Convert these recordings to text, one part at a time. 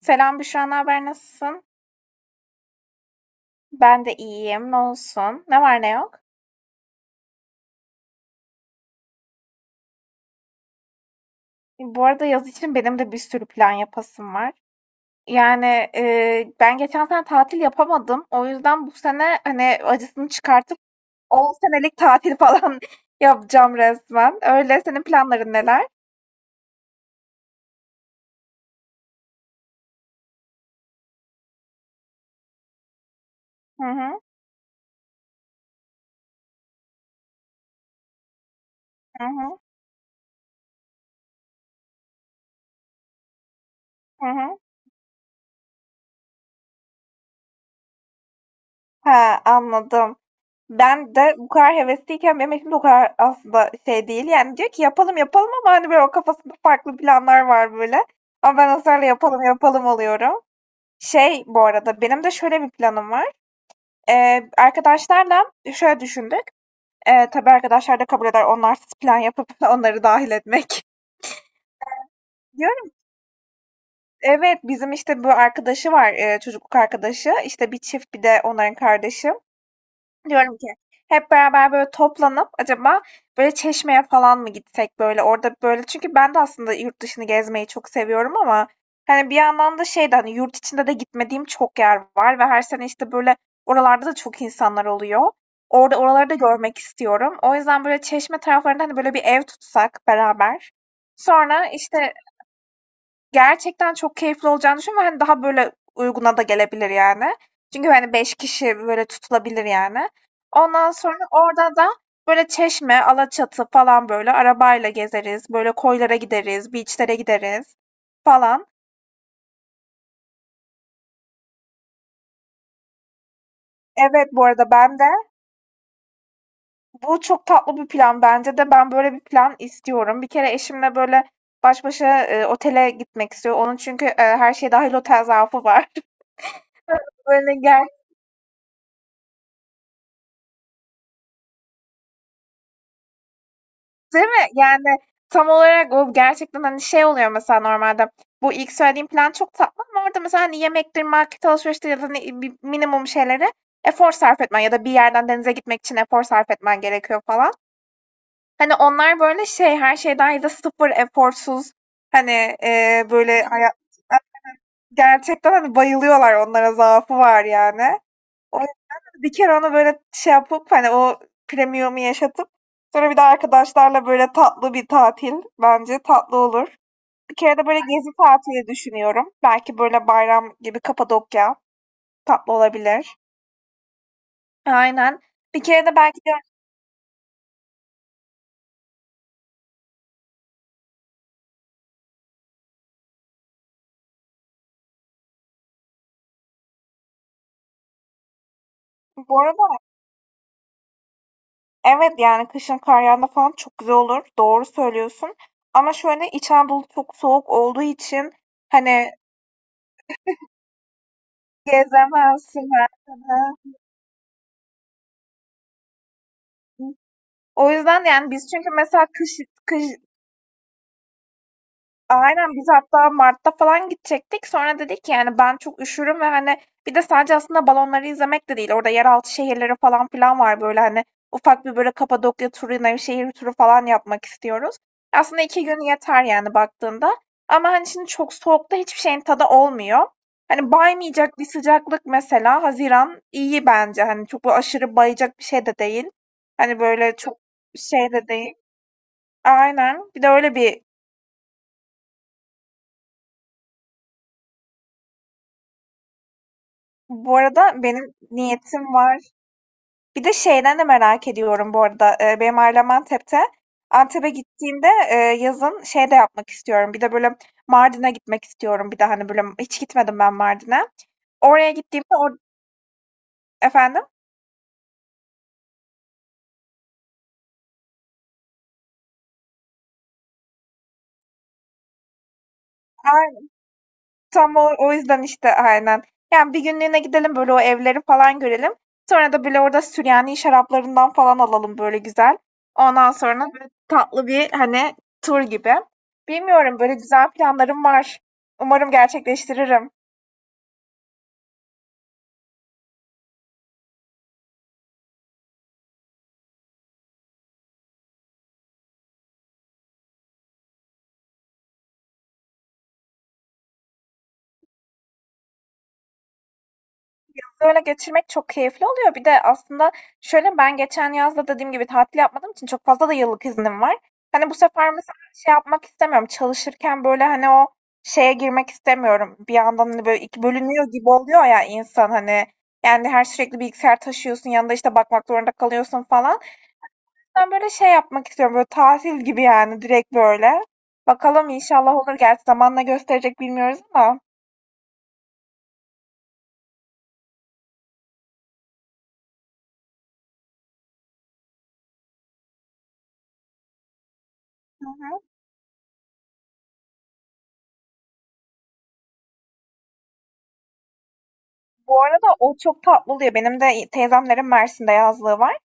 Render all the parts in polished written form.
Selam Büşra, ne haber, nasılsın? Ben de iyiyim, ne olsun? Ne var ne yok? Bu arada yaz için benim de bir sürü plan yapasım var. Yani ben geçen sene tatil yapamadım. O yüzden bu sene hani acısını çıkartıp 10 senelik tatil falan yapacağım resmen. Öyle senin planların neler? Hı hı, hı hı, hı hı. Ha, anladım. Ben de bu kadar hevesliyken benim eşim de o kadar aslında şey değil. Yani diyor ki yapalım yapalım ama hani böyle o kafasında farklı planlar var böyle. Ama ben ısrarla yapalım yapalım oluyorum. Şey bu arada benim de şöyle bir planım var. Arkadaşlarla şöyle düşündük. Tabii arkadaşlar da kabul eder onlarsız plan yapıp onları dahil etmek. Diyorum evet bizim işte bu arkadaşı var çocukluk arkadaşı. İşte bir çift bir de onların kardeşi. Diyorum ki hep beraber böyle toplanıp acaba böyle Çeşme'ye falan mı gitsek böyle orada böyle, çünkü ben de aslında yurt dışını gezmeyi çok seviyorum ama hani bir yandan da şey de, hani, yurt içinde de gitmediğim çok yer var ve her sene işte böyle oralarda da çok insanlar oluyor. Orada oraları da görmek istiyorum. O yüzden böyle Çeşme taraflarında hani böyle bir ev tutsak beraber. Sonra işte gerçekten çok keyifli olacağını düşünüyorum ve, hani, daha böyle uyguna da gelebilir yani. Çünkü, hani, 5 kişi böyle tutulabilir yani. Ondan sonra orada da böyle Çeşme, Alaçatı falan böyle arabayla gezeriz, böyle koylara gideriz, beach'lere gideriz falan. Evet, bu arada ben de bu çok tatlı bir plan, bence de ben böyle bir plan istiyorum. Bir kere eşimle böyle baş başa, otele gitmek istiyor. Onun çünkü, her şey dahil otel zaafı var. Böyle ger Değil mi? Yani tam olarak o gerçekten, hani, şey oluyor mesela normalde, bu ilk söylediğim plan çok tatlı ama orada mesela, hani, yemektir, market alışveriştir ya da ne bi minimum şeylere efor sarf etmen ya da bir yerden denize gitmek için efor sarf etmen gerekiyor falan. Hani, onlar böyle şey, her şey dâhil de sıfır eforsuz, hani, böyle hayat gerçekten, hani, bayılıyorlar, onlara zaafı var yani. O yüzden bir kere onu böyle şey yapıp, hani, o premium'u yaşatıp sonra bir de arkadaşlarla böyle tatlı bir tatil, bence tatlı olur. Bir kere de böyle gezi tatili düşünüyorum. Belki böyle bayram gibi Kapadokya tatlı olabilir. Aynen. Bir kere de belki de bu arada, evet, yani kışın kar yağında falan çok güzel olur. Doğru söylüyorsun. Ama şöyle İç Anadolu çok soğuk olduğu için hani gezemezsin. Hı hı. O yüzden yani biz, çünkü mesela kış kış. Aynen, biz hatta Mart'ta falan gidecektik. Sonra dedik ki yani ben çok üşürüm ve, hani, bir de sadece aslında balonları izlemek de değil. Orada yeraltı şehirleri falan filan var böyle, hani, ufak bir böyle Kapadokya turu, Nevşehir turu falan yapmak istiyoruz. Aslında iki gün yeter yani baktığında. Ama hani şimdi çok soğukta hiçbir şeyin tadı olmuyor. Hani baymayacak bir sıcaklık mesela, Haziran iyi bence. Hani çok böyle aşırı bayacak bir şey de değil. Hani böyle çok şey de değil. Aynen. Bir de öyle bir bu arada benim niyetim var. Bir de şeyden de merak ediyorum bu arada. Benim ailem Antep'te. Antep'e gittiğimde, yazın şey de yapmak istiyorum. Bir de böyle Mardin'e gitmek istiyorum. Bir de hani böyle hiç gitmedim ben Mardin'e. Oraya gittiğimde efendim? Tam o, o yüzden işte aynen. Yani bir günlüğüne gidelim böyle o evleri falan görelim. Sonra da böyle orada Süryani şaraplarından falan alalım böyle güzel. Ondan sonra böyle tatlı bir, hani, tur gibi. Bilmiyorum, böyle güzel planlarım var. Umarım gerçekleştiririm. Böyle geçirmek çok keyifli oluyor. Bir de aslında şöyle, ben geçen yaz da dediğim gibi tatil yapmadığım için çok fazla da yıllık iznim var. Hani bu sefer mesela şey yapmak istemiyorum, çalışırken böyle, hani, o şeye girmek istemiyorum. Bir yandan, hani, böyle 2 bölünüyor gibi oluyor ya insan, hani. Yani her sürekli bilgisayar taşıyorsun, yanında, işte, bakmak zorunda kalıyorsun falan. Ben böyle şey yapmak istiyorum, böyle tatil gibi yani, direkt böyle. Bakalım, inşallah olur. Gerçi zamanla gösterecek, bilmiyoruz ama. Hı hı. Bu arada o çok tatlı oluyor. Benim de teyzemlerin Mersin'de yazlığı var.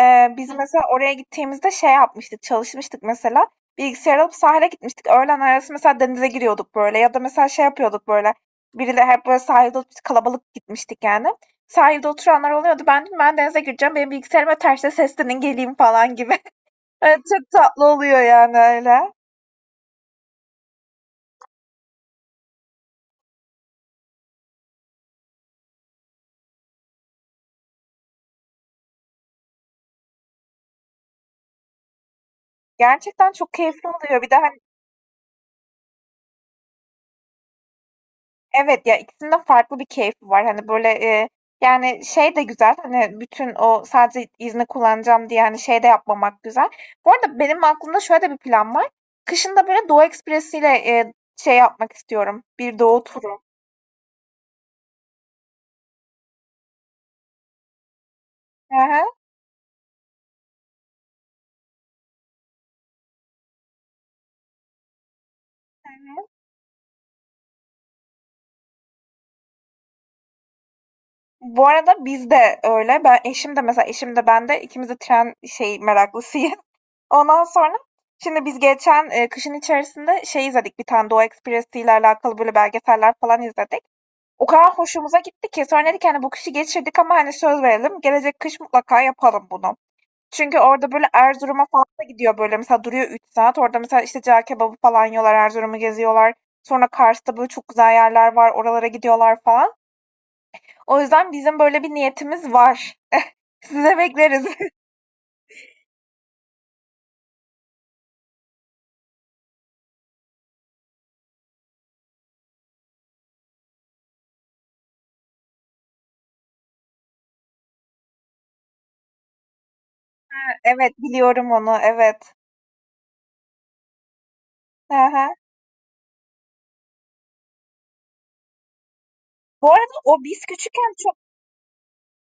Biz mesela oraya gittiğimizde şey yapmıştık, çalışmıştık mesela. Bilgisayar alıp sahile gitmiştik. Öğlen arası mesela denize giriyorduk böyle. Ya da mesela şey yapıyorduk böyle. Biriyle hep böyle sahilde kalabalık gitmiştik yani. Sahilde oturanlar oluyordu. Ben dedim ben denize gireceğim. Benim bilgisayarıma terste seslenin geleyim falan gibi. Evet, çok tatlı oluyor yani öyle. Gerçekten çok keyifli oluyor. Bir de evet, ya, ikisinin de farklı bir keyfi var. Hani, böyle, yani, şey de güzel, hani, bütün o sadece izni kullanacağım diye, hani, şey de yapmamak güzel. Bu arada benim aklımda şöyle de bir plan var. Kışın da, böyle, Doğu Ekspresi'yle, şey yapmak istiyorum, bir doğu turu. Hı hı. Hı hı. Bu arada biz de öyle. Ben eşim de mesela, eşim de ben de ikimiz de tren şey meraklısıyız. Ondan sonra şimdi biz geçen, kışın içerisinde şey izledik, bir tane Doğu Ekspresi ile alakalı, böyle, belgeseller falan izledik. O kadar hoşumuza gitti ki sonra dedik, hani, bu kışı geçirdik ama hani söz verelim gelecek kış mutlaka yapalım bunu. Çünkü orada böyle Erzurum'a falan da gidiyor, böyle mesela duruyor 3 saat. Orada mesela işte cağ kebabı falan yiyorlar, Erzurum'u geziyorlar. Sonra Kars'ta böyle çok güzel yerler var, oralara gidiyorlar falan. O yüzden bizim böyle bir niyetimiz var. Size bekleriz. Evet, biliyorum onu, evet. Hı hı. Bu arada o biz küçükken çok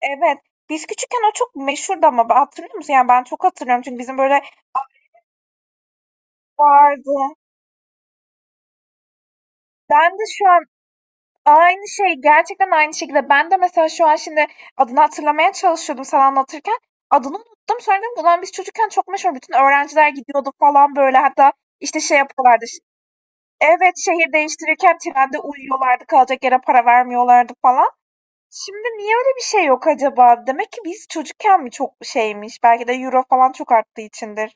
evet, biz küçükken o çok meşhurdu ama hatırlıyor musun? Yani ben çok hatırlıyorum çünkü bizim böyle vardı. Ben de şu an aynı şey, gerçekten aynı şekilde. Ben de mesela şu an şimdi adını hatırlamaya çalışıyordum sen anlatırken. Adını unuttum. Sonra dedim ki, ulan biz çocukken çok meşhur. Bütün öğrenciler gidiyordu falan böyle. Hatta işte şey yapıyorlardı. Evet, şehir değiştirirken trende uyuyorlardı. Kalacak yere para vermiyorlardı falan. Şimdi niye öyle bir şey yok acaba? Demek ki biz çocukken mi çok şeymiş? Belki de euro falan çok arttığı içindir.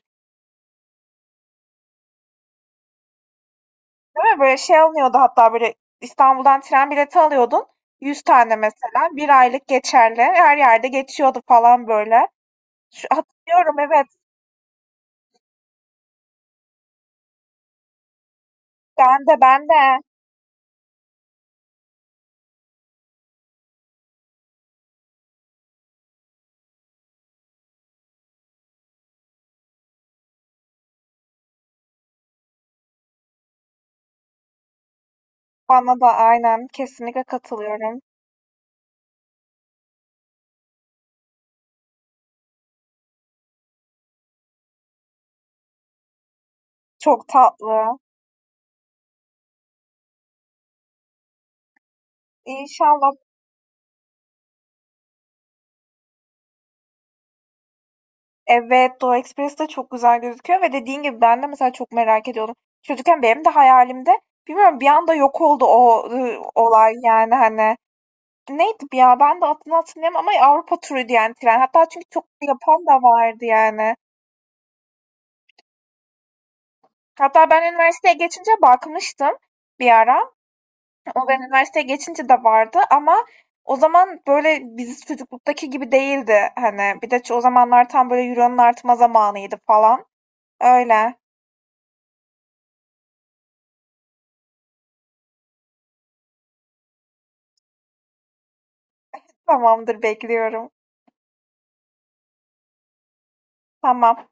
Değil mi? Böyle şey alınıyordu hatta böyle İstanbul'dan tren bileti alıyordun. 100 tane mesela. Bir aylık geçerli. Her yerde geçiyordu falan böyle. Şu, hatırlıyorum evet. Ben de, ben de. Bana da aynen. Kesinlikle katılıyorum. Çok tatlı. İnşallah. Evet, Doğu Ekspresi de çok güzel gözüküyor ve dediğin gibi ben de mesela çok merak ediyordum. Çocukken benim de hayalimde, bilmiyorum, bir anda yok oldu o olay yani, hani, neydi bu ya? Ben de adını hatırlayamam ama Avrupa turu diyen tren. Hatta çünkü çok yapan da vardı yani. Hatta ben üniversiteye geçince bakmıştım bir ara. O ben üniversiteye geçince de vardı ama o zaman böyle biz çocukluktaki gibi değildi. Hani bir de o zamanlar tam böyle euronun artma zamanıydı falan. Öyle. Tamamdır, bekliyorum. Tamam.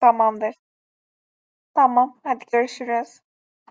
Tamamdır. Tamam. Hadi görüşürüz.